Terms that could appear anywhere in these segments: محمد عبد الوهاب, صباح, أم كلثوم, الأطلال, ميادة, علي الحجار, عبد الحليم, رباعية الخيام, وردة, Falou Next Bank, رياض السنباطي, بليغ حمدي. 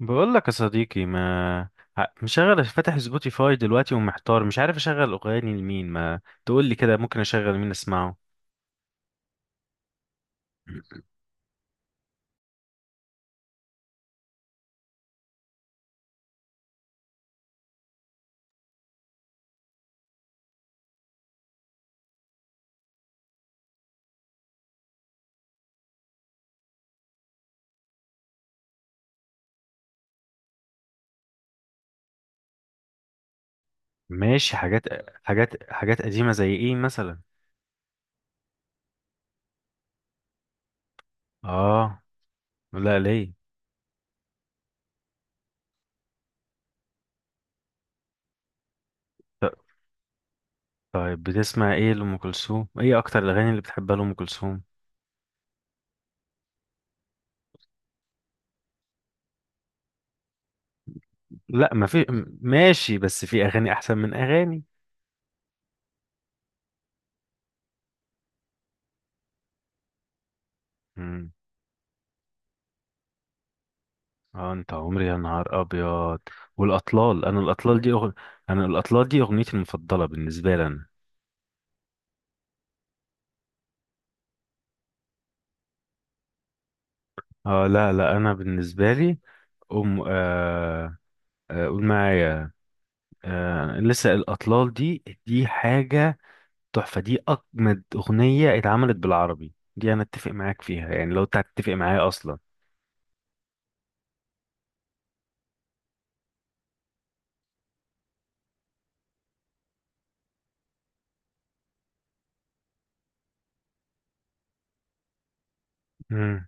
بقول لك يا صديقي، ما مشغل فاتح سبوتيفاي دلوقتي ومحتار، مش عارف اشغل اغاني لمين. ما تقول لي كده ممكن اشغل مين اسمعه؟ ماشي. حاجات قديمة زي ايه مثلا؟ اه. لا ليه؟ ط- طيب بتسمع ايه لأم كلثوم؟ ايه اكتر الاغاني اللي بتحبها لأم كلثوم؟ لا، ما في ماشي، بس في اغاني احسن من اغاني. امم اه، انت عمري يا نهار ابيض، والاطلال. انا الاطلال دي انا الاطلال دي اغنيتي المفضلة بالنسبة لي أنا. اه لا لا، انا بالنسبه لي، آه، آه قول معايا. آه لسه الاطلال، دي حاجه تحفه. دي اجمد اغنيه اتعملت بالعربي. دي انا اتفق معاك فيها، يعني لو انت هتتفق معايا اصلا. امم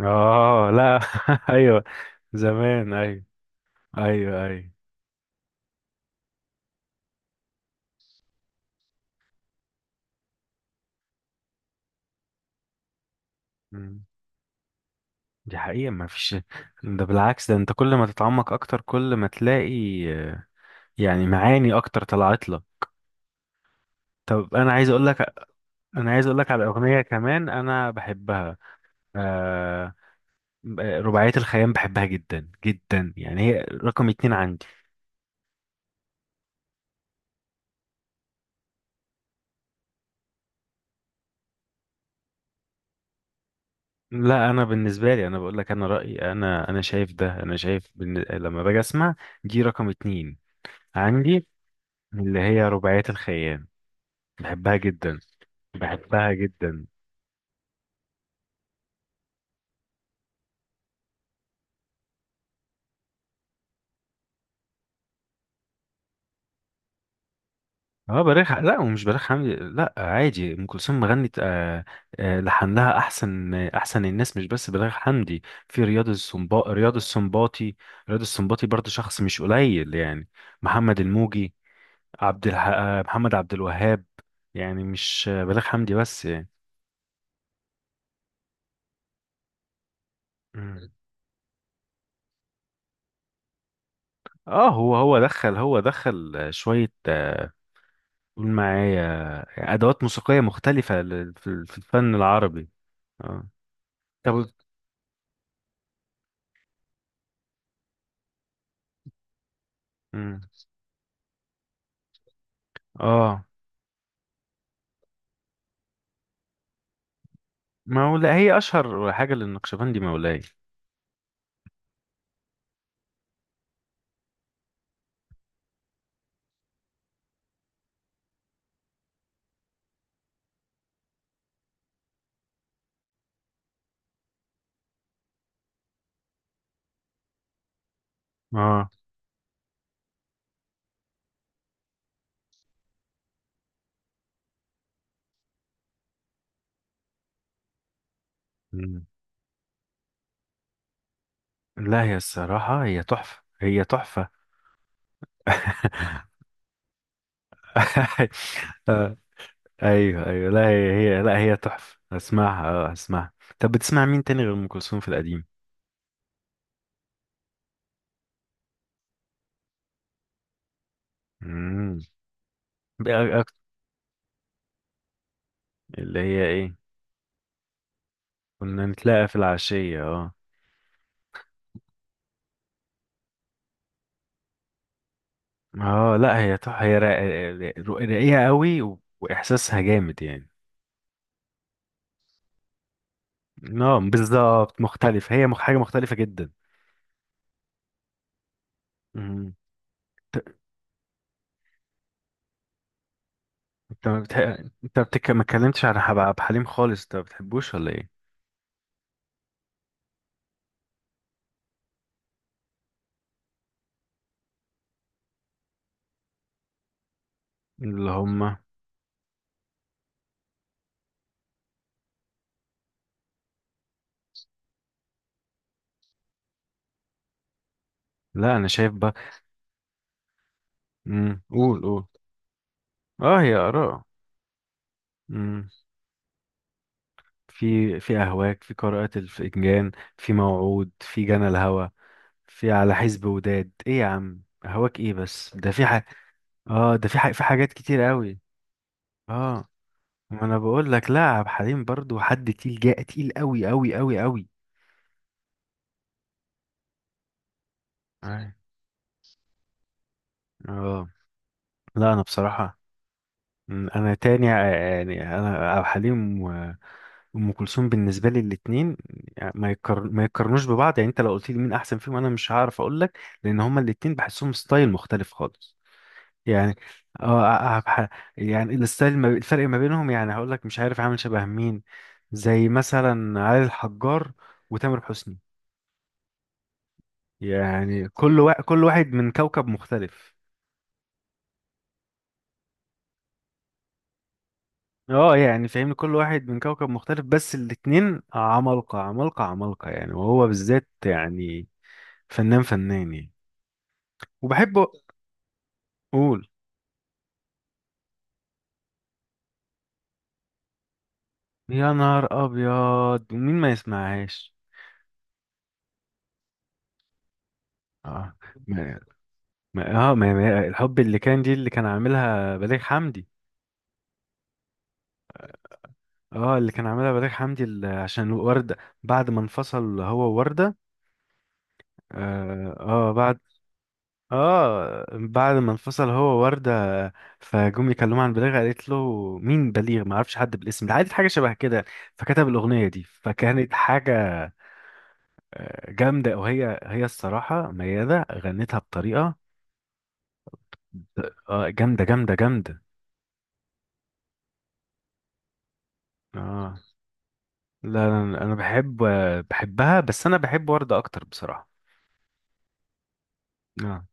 اه. لا ايوه. زمان، ايوه. ايوه، ايوه. مم. دي حقيقه، ما فيش. ده بالعكس، ده انت كل ما تتعمق اكتر كل ما تلاقي. آه، يعني معاني اكتر طلعت لك. طب انا عايز اقول لك، انا عايز اقول لك على اغنيه كمان انا بحبها. آه، رباعيه الخيام بحبها جدا جدا، يعني هي رقم اتنين عندي. لا انا بالنسبه لي، انا بقول لك انا رايي، انا شايف ده، انا شايف لما باجي اسمع دي رقم اتنين عندي، اللي هي رباعيه الخيام، بحبها جدا، بحبها جدا. اه بليغ لا، ومش بليغ حمدي. لا عادي ام كلثوم غنت آه، لحن لها احسن احسن الناس، مش بس بليغ حمدي. في رياض السنباطي. رياض السنباطي برضه شخص مش قليل يعني. محمد الموجي، محمد عبد الوهاب. يعني مش بليغ حمدي بس يعني. مم. اه، هو دخل، هو دخل شوية قول معايا ادوات موسيقية مختلفة في الفن العربي. اه. طب. مم. اه مولا، هي اشهر حاجه للنقشبندي، مولاي. اه. مم. لا هي الصراحه، هي تحفه، هي تحفه. آه، ايوه، ايوه. لا، هي لا، هي تحفه، هسمعها اه هسمعها. طب بتسمع مين تاني غير ام كلثوم في القديم؟ امم بقى أكتر. اللي هي ايه؟ كنا نتلاقى في العشيه، اه. اه لا هي تحفه، هي راقيه قوي واحساسها جامد يعني. اه بالظبط مختلفه، هي حاجه مختلفه جدا. مم. انت ما بتح... انت ما اتكلمتش على عبد الحليم خالص، انت ما بتحبوش ولا ايه؟ اللي هم؟ لا انا شايف بقى. قول قول. اه هي اراء. امم في اهواك، في قراءة الفنجان، في موعود، في جنى الهوى، في على حزب وداد، ايه يا عم هواك، ايه بس ده في اه ده في في حاجات كتير قوي. اه ما انا بقول لك، لا عبد الحليم برضو حد تقيل، جاء تقيل قوي قوي قوي قوي. أي. اه لا انا بصراحة. انا تاني يعني انا عبد الحليم وام كلثوم بالنسبه لي الاثنين ما يقارنوش ببعض يعني. انت لو قلت لي مين احسن فيهم، انا مش هعرف اقول لك، لان هما الاثنين بحسهم ستايل مختلف خالص يعني. اه يعني الستايل ما... الفرق ما بينهم يعني هقول لك مش عارف عامل شبه مين. زي مثلا علي الحجار وتامر حسني، يعني كل كل واحد من كوكب مختلف. اه يعني فاهمني، كل واحد من كوكب مختلف. بس الاتنين عمالقة عمالقة عمالقة يعني، وهو بالذات يعني فنان فنان يعني، وبحبه. قول. يا نهار ابيض، ومين ما يسمعهاش! اه ما ما اه ما ما الحب اللي كان دي، اللي كان عاملها بليغ حمدي. اه اللي كان عاملها بليغ حمدي، اللي عشان وردة، بعد ما انفصل هو ووردة. اه, آه بعد، اه بعد ما انفصل هو وردة فجم يكلموا عن بليغ، قالت له: مين بليغ؟ ما اعرفش حد بالاسم ده. عادي حاجه شبه كده. فكتب الاغنيه دي، فكانت حاجه آه، جامده. وهي الصراحه ميادة غنتها بطريقه آه، جامده جامده جامده. اه لا انا بحب آه، بحبها، بس انا بحب وردة اكتر بصراحه. اه.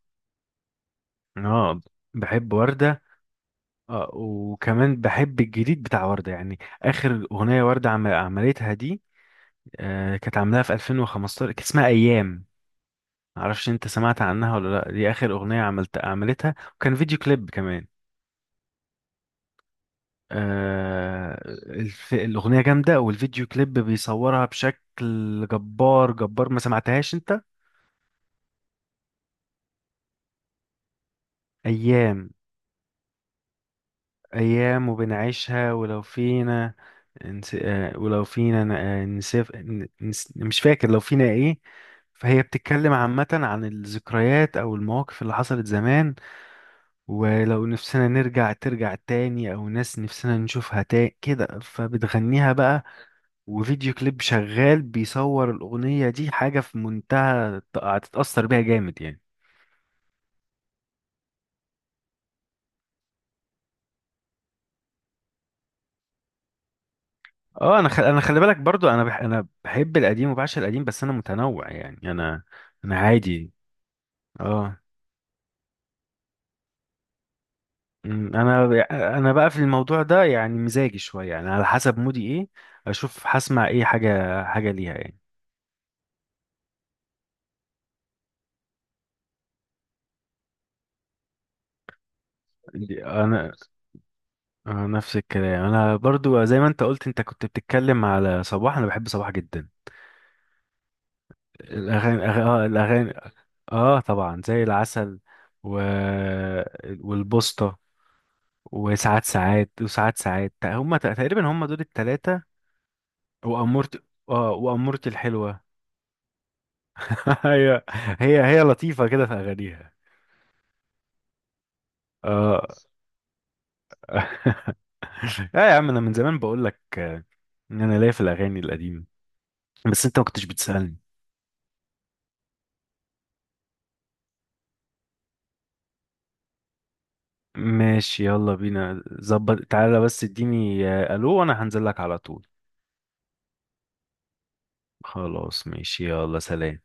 اه بحب وردة. اه وكمان بحب الجديد بتاع وردة، يعني اخر اغنيه وردة عملتها دي، آه، كانت عاملاها في 2015، كانت اسمها ايام. معرفش انت سمعت عنها ولا لا. دي اخر اغنيه عملت عملتها، وكان فيديو كليب كمان. آه، الاغنيه جامده، والفيديو كليب بيصورها بشكل جبار جبار. ما سمعتهاش انت؟ ايام. ايام وبنعيشها ولو فينا آه، ولو فينا آه، مش فاكر لو فينا ايه. فهي بتتكلم عامة عن الذكريات أو المواقف اللي حصلت زمان، ولو نفسنا نرجع ترجع تاني او ناس نفسنا نشوفها تاني كده، فبتغنيها بقى. وفيديو كليب شغال بيصور الاغنية دي، حاجة في منتهى هتتأثر بيها جامد يعني. اه انا انا خلي بالك برضو، انا انا بحب القديم وبعشق القديم، بس انا متنوع يعني، انا عادي. اه. أمم، انا انا بقى في الموضوع ده يعني مزاجي شوية يعني، على حسب مودي ايه. اشوف هسمع ايه حاجة حاجة ليها يعني. دي انا آه، نفس الكلام. انا برضو زي ما انت قلت، انت كنت بتتكلم على صباح، انا بحب صباح جدا. الاغاني اه الاغاني. اه طبعا زي العسل، و... والبوسطة، وساعات ساعات، وساعات ساعات، هم تقريبا هم دول التلاتة. وأمورت، اه وأمورتي الحلوة. هي هي لطيفة كده في اغانيها. اه اه يا عم، انا من زمان بقول لك آه، ان انا ليا في الاغاني القديمة، بس انت ما كنتش بتسألني. ماشي يلا بينا، ظبط، تعالى بس اديني آه، الو، وانا هنزل لك على طول. خلاص ماشي، يلا سلام.